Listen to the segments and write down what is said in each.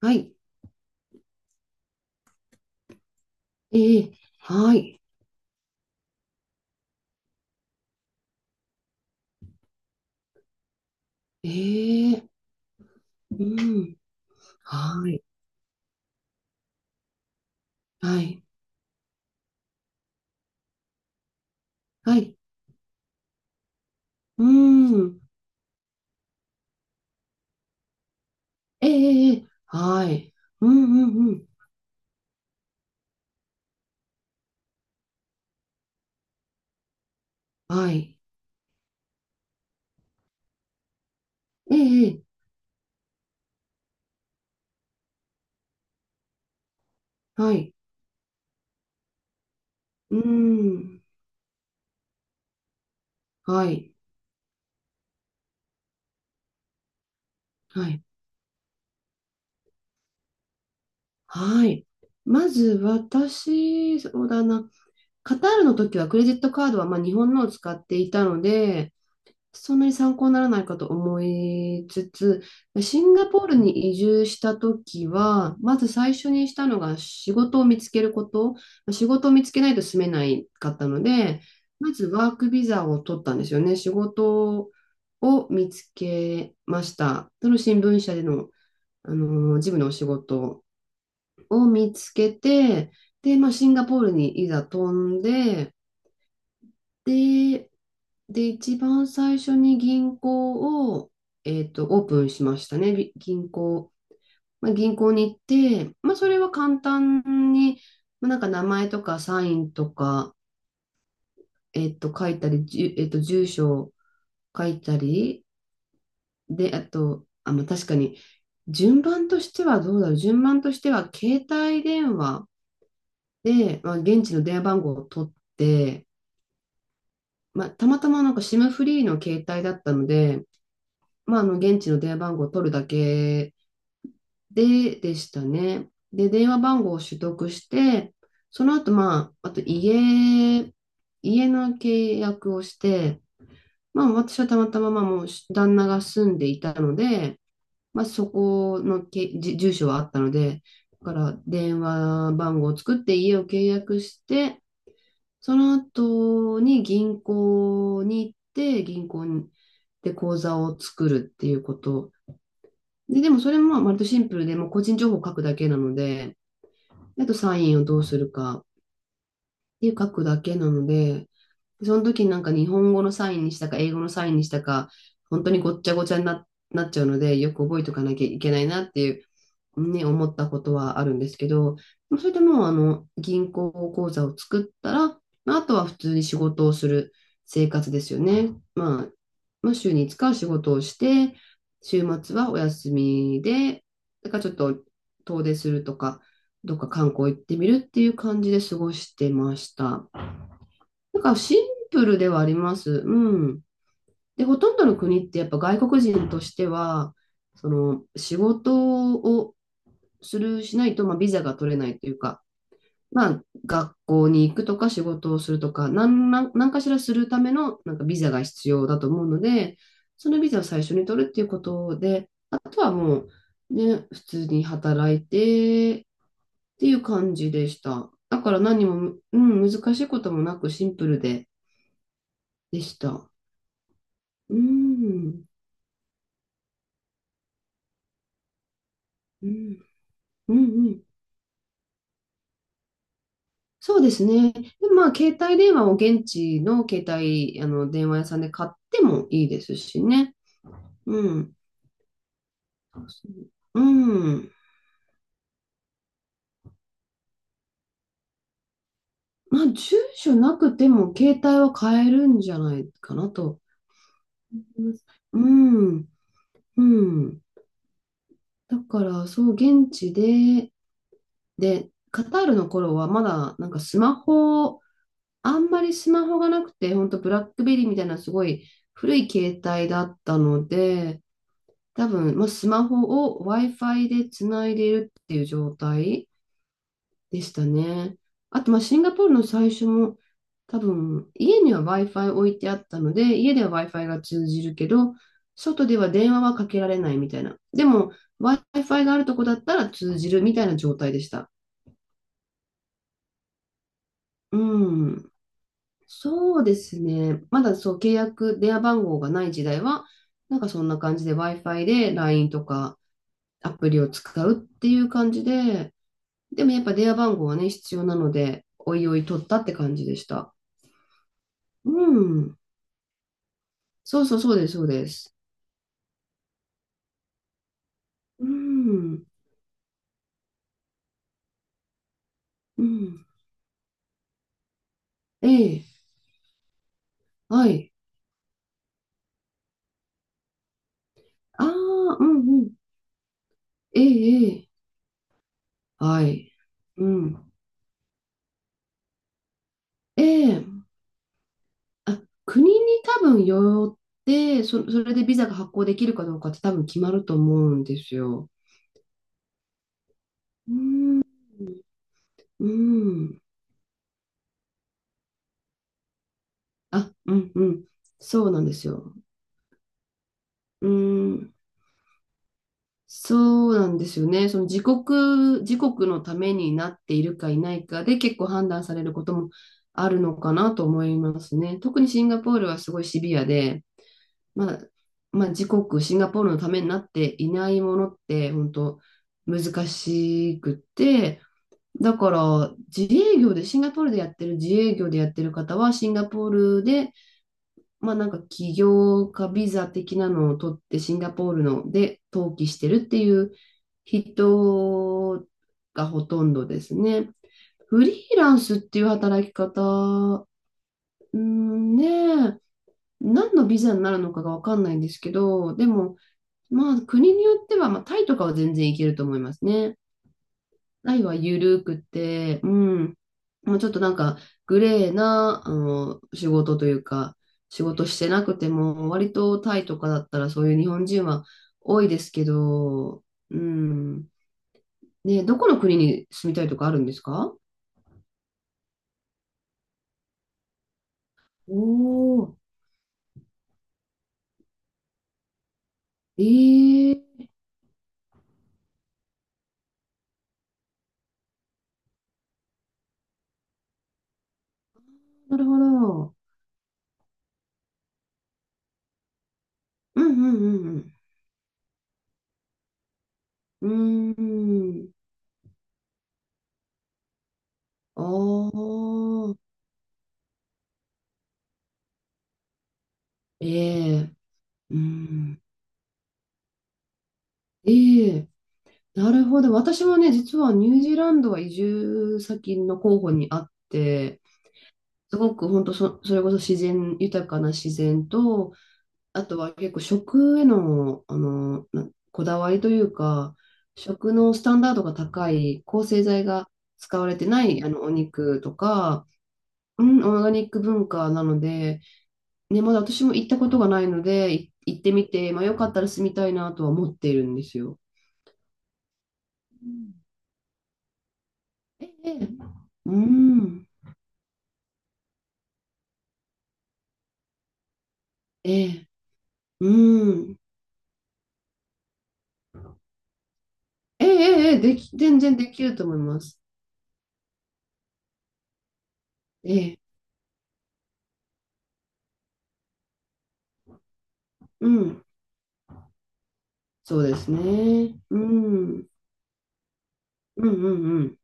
はい。ええ、はい。ええ、うん。はい。はい。はい。うん。ええ、ええ、はい。うん、うん、うん。はい。ええ、ええ、はい。うん。はい。はい。はい。まず私、そうだな。カタールの時はクレジットカードはまあ日本のを使っていたので、そんなに参考にならないかと思いつつ、シンガポールに移住した時は、まず最初にしたのが仕事を見つけること。仕事を見つけないと住めないかったので、まずワークビザを取ったんですよね。仕事を見つけました。その新聞社での、あの事務のお仕事を見つけて、で、まあ、シンガポールにいざ飛んで、で、で、一番最初に銀行を、オープンしましたね。銀行。まあ、銀行に行って、まあ、それは簡単に、まあ、なんか名前とかサインとか、書いたり、じゅ、えっと、住所を書いたり、で、あと、あ、まあ、確かに、順番としてはどうだろう。順番としては、携帯電話で、まあ、現地の電話番号を取って、まあ、たまたまなんか SIM フリーの携帯だったので、まあ、あの現地の電話番号を取るだけで、でしたね。で、電話番号を取得して、その後、まあ、あと家の契約をして、まあ、私はたまたま、まあ、もう旦那が住んでいたので、まあ、そこのけ、じ住所はあったので、だから電話番号を作って家を契約して、その後に銀行に行って、銀行にで口座を作るっていうこと。で、でもそれもまあ割とシンプルで、もう個人情報を書くだけなので、あとサインをどうするかっていう書くだけなので、その時になんか日本語のサインにしたか英語のサインにしたか、本当にごっちゃごちゃになっちゃうので、よく覚えておかなきゃいけないなっていうね、思ったことはあるんですけど、それでもうあの銀行口座を作ったら、まあ、あとは普通に仕事をする生活ですよね。まあ、まあ、週に5日は仕事をして、週末はお休みで、だからちょっと遠出するとか、どっか観光行ってみるっていう感じで過ごしてました。なんかシンプルではあります。うん。で、ほとんどの国ってやっぱ外国人としては、その仕事をする、しないと、まあ、ビザが取れないというか、まあ、学校に行くとか仕事をするとか、なんかしらするためのなんかビザが必要だと思うので、そのビザを最初に取るっていうことで、あとはもう、ね、普通に働いてっていう感じでした。だから何も、うん、難しいこともなくシンプルでした。うん、うん、うん、うん。そうですね。で、まあ、携帯電話を現地の携帯、電話屋さんで買ってもいいですしね。うん。うん。まあ、住所なくても携帯は買えるんじゃないかなと思います。うん。うん。だから、そう、現地で、カタールの頃はまだ、なんかスマホ、あんまりスマホがなくて、本当ブラックベリーみたいなすごい古い携帯だったので、多分、まあ、スマホを Wi-Fi でつないでいるっていう状態でしたね。あと、まあ、シンガポールの最初も、多分、家には Wi-Fi 置いてあったので、家では Wi-Fi が通じるけど、外では電話はかけられないみたいな。でも、Wi-Fi があるとこだったら通じるみたいな状態でした。うん。そうですね。まだそう、契約、電話番号がない時代は、なんかそんな感じで Wi-Fi で LINE とかアプリを使うっていう感じで、でもやっぱ電話番号はね、必要なので、おいおい取ったって感じでした。うん。そうそうそうです、そうです。うん。うん。ええ。はい。ああ、うん、うん。ええ、ええ。はい。うん。ええ。あ、国に多分よって、それでビザが発行できるかどうかって多分決まると思うんですよ。うん。うん。あ、うん、うん。そうなんですよ。うん。そうなんですよね。その自国のためになっているかいないかで結構判断されることもあるのかなと思いますね。特にシンガポールはすごいシビアで、まあ、まあ、自国、シンガポールのためになっていないものって本当難しくって、だから自営業で、シンガポールでやってる自営業でやってる方はシンガポールでまあなんか起業家ビザ的なのを取ってシンガポールので登記してるっていう人がほとんどですね。フリーランスっていう働き方、うんねえ、何のビザになるのかがわかんないんですけど、でもまあ国によってはまあタイとかは全然いけると思いますね。愛はゆるくて、うん。もうちょっとなんか、グレーな、仕事というか、仕事してなくても、割とタイとかだったらそういう日本人は多いですけど、うん。ね、どこの国に住みたいとかあるんですか？おー、えー、なるほど。うん、うん、うん、うん。うーん。ああ、ええ、うん。ええ、なるほど。私もね、実はニュージーランドは移住先の候補にあって、すごく本当それこそ豊かな自然と、あとは結構食への、こだわりというか、食のスタンダードが高い、抗生剤が使われてないあのお肉とか、うん、オーガニック文化なので、ね、まだ私も行ったことがないので、行ってみて、まあ、よかったら住みたいなとは思っているんですよ。うん、ええ、ええ、うん。ええ、うん。ええ、ええ、全然できると思います。ええ、うん。そうですね。うん。うん、うん、うん。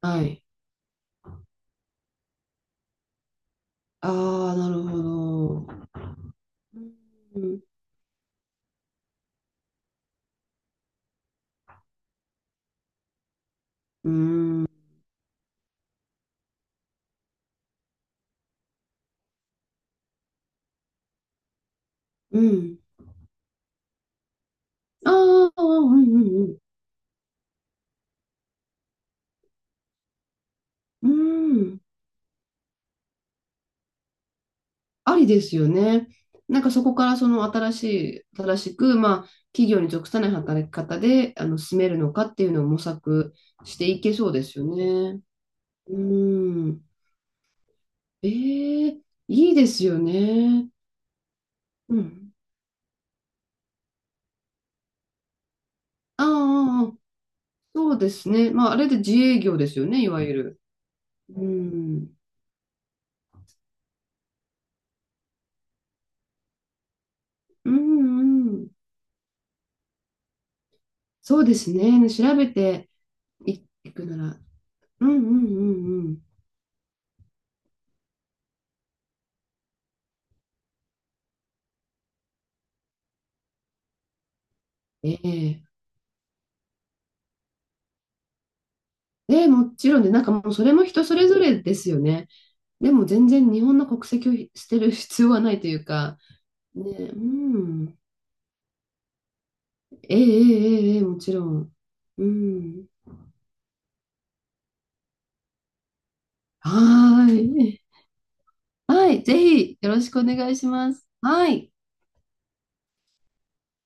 はい。ああ、なるほど。うん。うん。うん。ああ、うん、うん、うん。うん。ありですよね。なんかそこからその新しく、まあ、企業に属さない働き方で、進めるのかっていうのを模索していけそうですよね。うん。ええ、いいですよね。うん。ああ、ああ、そうですね。まあ、あれで自営業ですよね、いわゆる。うん。うん、うん。そうですね。調べていくなら。うん、うん、うん、うん。ええ、で、もちろん、で、なんかもうそれも人それぞれですよね。でも全然日本の国籍を捨てる必要はないというか、ね、うん。ええええええ、もちろん。うん。はーい。はい、ぜひよろしくお願いします。はい。